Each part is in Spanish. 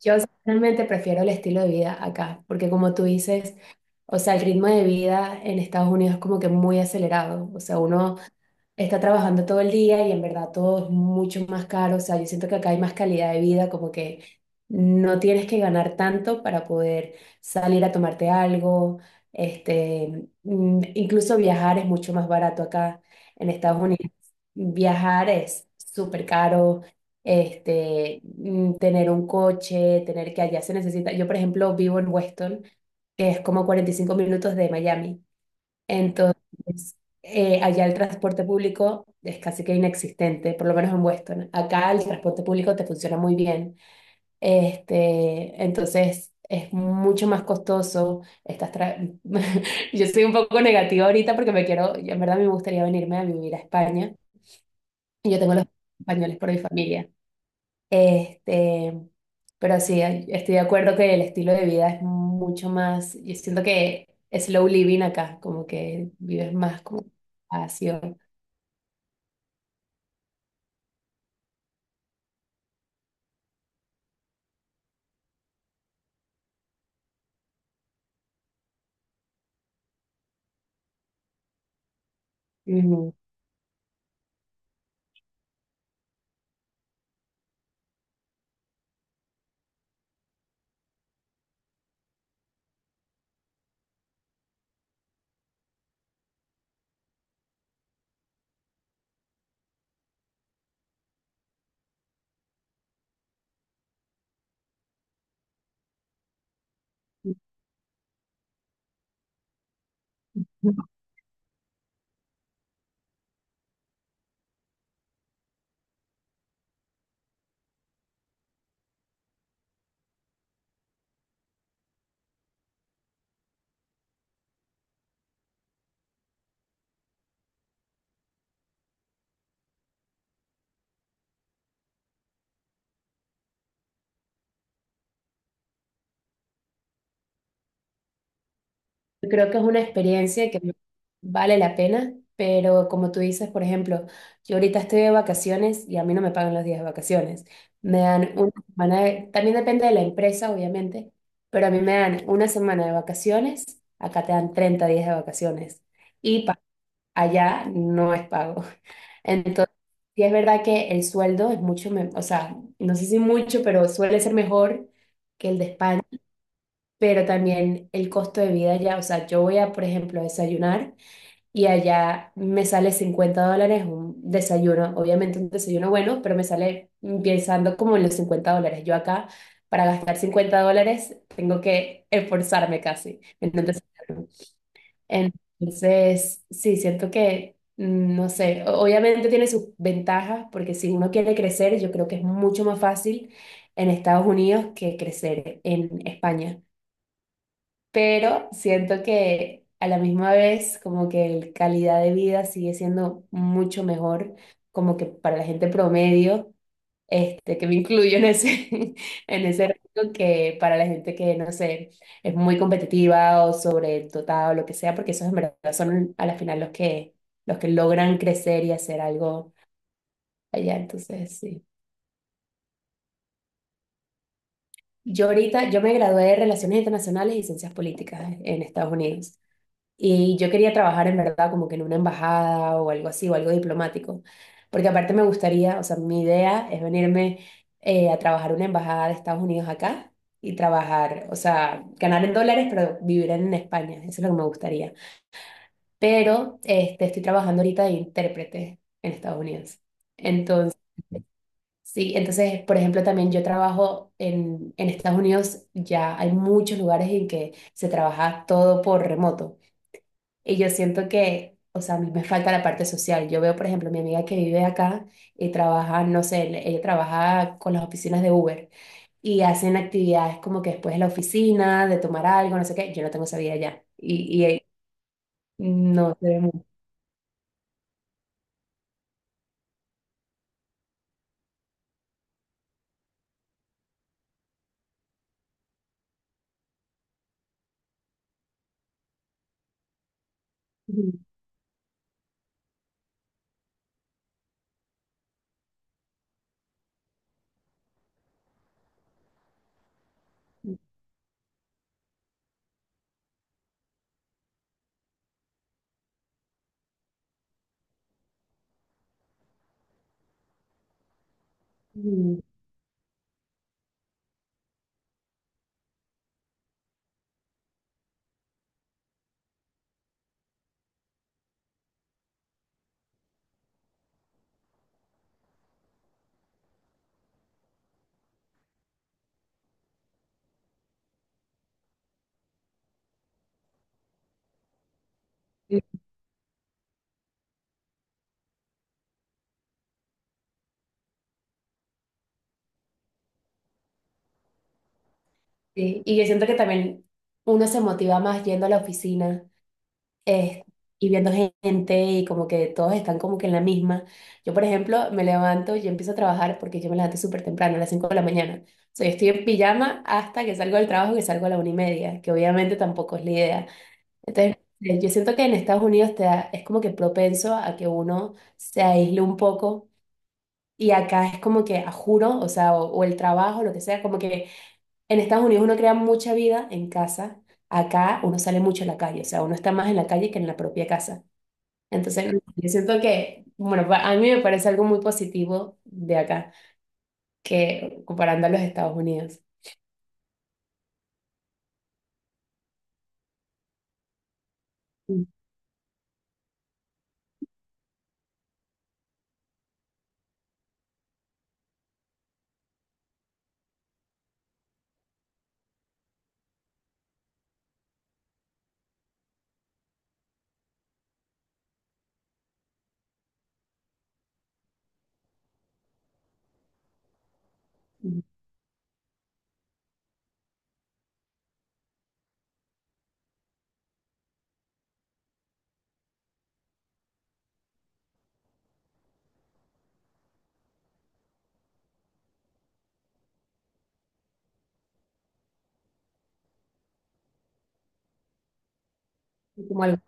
Yo realmente prefiero el estilo de vida acá, porque como tú dices, o sea, el ritmo de vida en Estados Unidos es como que muy acelerado, o sea, uno está trabajando todo el día y en verdad todo es mucho más caro, o sea, yo siento que acá hay más calidad de vida, como que no tienes que ganar tanto para poder salir a tomarte algo, incluso viajar es mucho más barato acá en Estados Unidos. Viajar es súper caro, tener un coche, tener que allá se necesita. Yo, por ejemplo, vivo en Weston, que es como 45 minutos de Miami. Entonces, allá el transporte público es casi que inexistente, por lo menos en Weston. Acá el transporte público te funciona muy bien. Entonces, es mucho más costoso. Yo soy un poco negativa ahorita porque yo en verdad me gustaría venirme a vivir a España. Y yo tengo los españoles por mi familia. Este, pero sí, estoy de acuerdo que el estilo de vida es mucho más, yo siento que es slow living acá, como que vives más como espacio. Ujú. Yo creo que es una experiencia que vale la pena, pero como tú dices, por ejemplo, yo ahorita estoy de vacaciones y a mí no me pagan los días de vacaciones. Me dan una semana, también depende de la empresa, obviamente, pero a mí me dan una semana de vacaciones, acá te dan 30 días de vacaciones. Y allá no es pago. Entonces, sí es verdad que el sueldo es mucho, o sea, no sé si mucho, pero suele ser mejor que el de España, pero también el costo de vida allá, o sea, yo voy a, por ejemplo, a desayunar y allá me sale $50 un desayuno, obviamente un desayuno bueno, pero me sale pensando como en los $50. Yo acá, para gastar $50, tengo que esforzarme casi. Entonces, sí, siento que, no sé, obviamente tiene sus ventajas, porque si uno quiere crecer, yo creo que es mucho más fácil en Estados Unidos que crecer en España. Pero siento que a la misma vez, como que la calidad de vida sigue siendo mucho mejor, como que para la gente promedio que me incluyo en ese, en ese rango que para la gente que, no sé, es muy competitiva o sobredotada o lo que sea, porque esos en verdad son a la final los que, logran crecer y hacer algo allá. Entonces, sí. Yo me gradué de Relaciones Internacionales y Ciencias Políticas en Estados Unidos. Y yo quería trabajar en verdad como que en una embajada o algo así, o algo diplomático, porque aparte me gustaría, o sea, mi idea es venirme a trabajar en una embajada de Estados Unidos acá y trabajar, o sea, ganar en dólares, pero vivir en España, eso es lo que me gustaría. Pero estoy trabajando ahorita de intérprete en Estados Unidos. Entonces, sí, entonces, por ejemplo, también yo trabajo en Estados Unidos, ya hay muchos lugares en que se trabaja todo por remoto. Y yo siento que, o sea, a mí me falta la parte social. Yo veo, por ejemplo, mi amiga que vive acá y trabaja, no sé, ella trabaja con las oficinas de Uber y hacen actividades como que después de la oficina, de tomar algo, no sé qué. Yo no tengo esa vida allá y no se ve mucho. Ujú. Sí, y yo siento que también uno se motiva más yendo a la oficina, eh, y viendo gente y como que todos están como que en la misma. Yo, por ejemplo, me levanto y empiezo a trabajar porque yo me levanto súper temprano, a las 5 de la mañana. O sea, yo estoy en pijama hasta que salgo del trabajo, que salgo a la 1:30, que obviamente tampoco es la idea. Entonces, yo siento que en Estados Unidos es como que propenso a que uno se aísle un poco. Y acá es como que, a juro, o sea, o el trabajo, lo que sea, como que en Estados Unidos uno crea mucha vida en casa, acá uno sale mucho a la calle, o sea, uno está más en la calle que en la propia casa. Entonces, yo siento que, bueno, a mí me parece algo muy positivo de acá, que comparando a los Estados Unidos. Mm, mm. Como algo-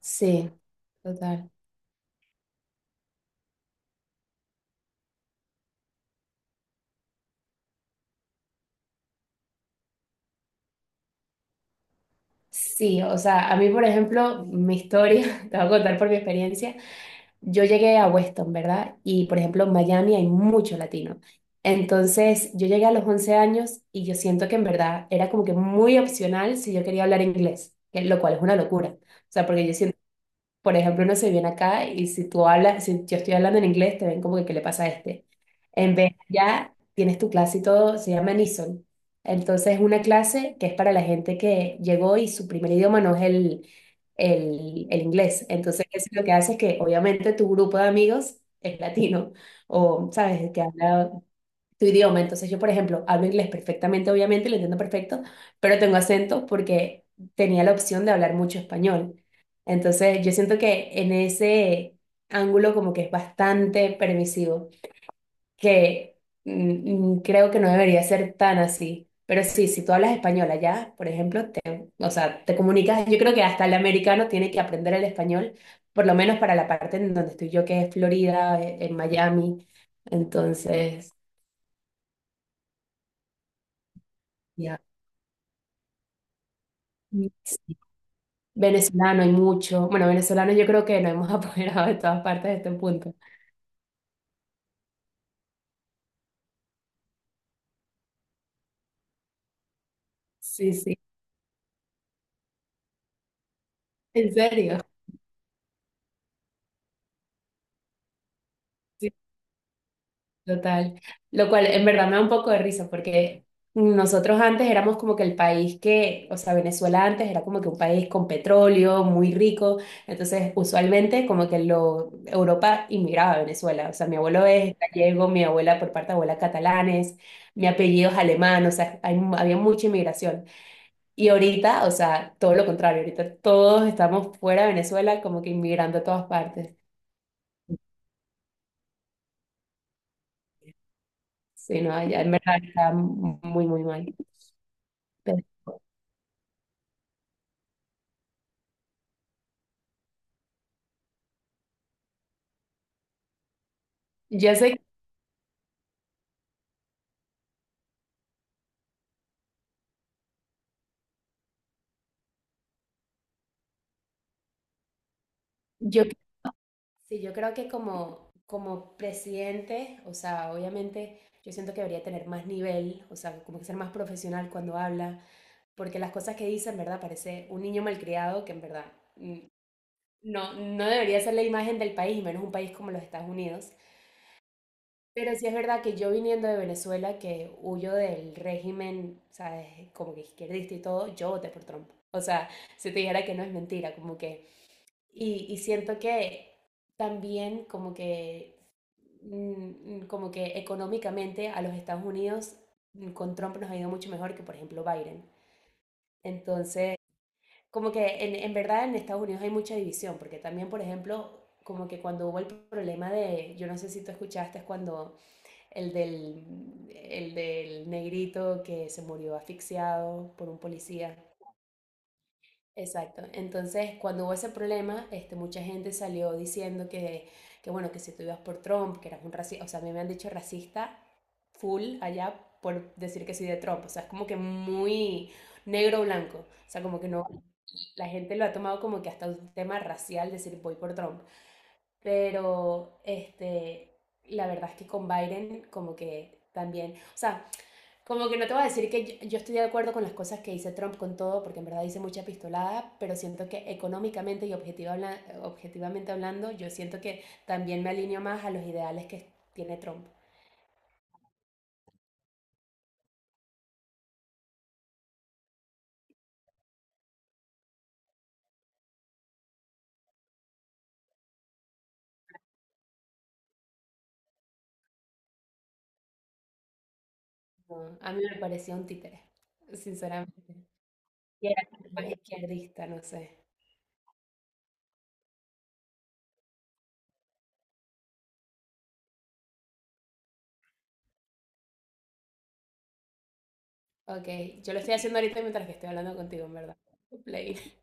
Sí, total. Sí, o sea, a mí, por ejemplo, mi historia, te voy a contar por mi experiencia, yo llegué a Weston, ¿verdad? Y, por ejemplo, en Miami hay mucho latino. Entonces, yo llegué a los 11 años y yo siento que en verdad era como que muy opcional si yo quería hablar inglés, lo cual es una locura. O sea, porque yo siento por ejemplo, uno se viene acá y si tú hablas, si yo estoy hablando en inglés, te ven como que, ¿qué le pasa a este? En vez ya tienes tu clase y todo, se llama Nison. Entonces, es una clase que es para la gente que llegó y su primer idioma no es el inglés. Entonces, eso lo que hace es que, obviamente, tu grupo de amigos es latino o, ¿sabes?, que habla tu idioma. Entonces yo, por ejemplo, hablo inglés perfectamente, obviamente, lo entiendo perfecto, pero tengo acento porque tenía la opción de hablar mucho español. Entonces yo siento que en ese ángulo como que es bastante permisivo, que creo que no debería ser tan así. Pero sí, si tú hablas español allá, por ejemplo, te, o sea, te comunicas, yo creo que hasta el americano tiene que aprender el español, por lo menos para la parte en donde estoy yo, que es Florida, en Miami. Entonces, ya. Mm, sí. Venezolano hay mucho. Bueno, venezolano yo creo que nos hemos apoderado de todas partes de este punto. Sí, sí. En serio. Sí, total. Lo cual en verdad me da un poco de risa porque nosotros antes éramos como que el país que, o sea, Venezuela antes era como que un país con petróleo, muy rico. Entonces, usualmente como que lo, Europa inmigraba a Venezuela. O sea, mi abuelo es gallego, mi abuela por parte de abuela catalanes, mi apellido es alemán. O sea, había mucha inmigración. Y ahorita, o sea, todo lo contrario, ahorita todos estamos fuera de Venezuela como que inmigrando a todas partes. Sí, no, allá en verdad está muy, muy mal. Pero yo sé, yo, sí, yo creo que como presidente, o sea, obviamente yo siento que debería tener más nivel, o sea, como que ser más profesional cuando habla, porque las cosas que dice en verdad parece un niño malcriado que en verdad mm, no, no debería ser la imagen del país, y menos un país como los Estados Unidos. Pero sí es verdad que yo viniendo de Venezuela, que huyo del régimen, ¿sabes? Como que izquierdista y todo, yo voté por Trump. O sea, si te dijera que no es mentira, como que... Y siento que también como que... como que económicamente a los Estados Unidos, con Trump nos ha ido mucho mejor que, por ejemplo, Biden. Entonces, como que en verdad en Estados Unidos hay mucha división, porque también, por ejemplo, como que cuando hubo el problema de, yo no sé si tú escuchaste, cuando el del, negrito que se murió asfixiado por un policía. Exacto. Entonces, cuando hubo ese problema, mucha gente salió diciendo bueno, que si tú ibas por Trump, que eras un racista, o sea, a mí me han dicho racista full allá por decir que soy de Trump, o sea, es como que muy negro o blanco, o sea, como que no, la gente lo ha tomado como que hasta un tema racial decir voy por Trump, pero la verdad es que con Biden como que también, o sea, como que no te voy a decir que yo estoy de acuerdo con las cosas que dice Trump, con todo, porque en verdad dice mucha pistolada, pero siento que económicamente y objetivamente hablando, yo siento que también me alineo más a los ideales que tiene Trump. No, a mí me parecía un títere, sinceramente. Y era más izquierdista, no sé. Ok, yo lo estoy haciendo ahorita mientras que estoy hablando contigo, en verdad. Play.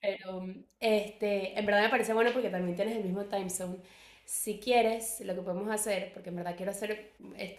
Pero, en verdad me parece bueno porque también tienes el mismo time zone. Si quieres, lo que podemos hacer, porque en verdad quiero hacer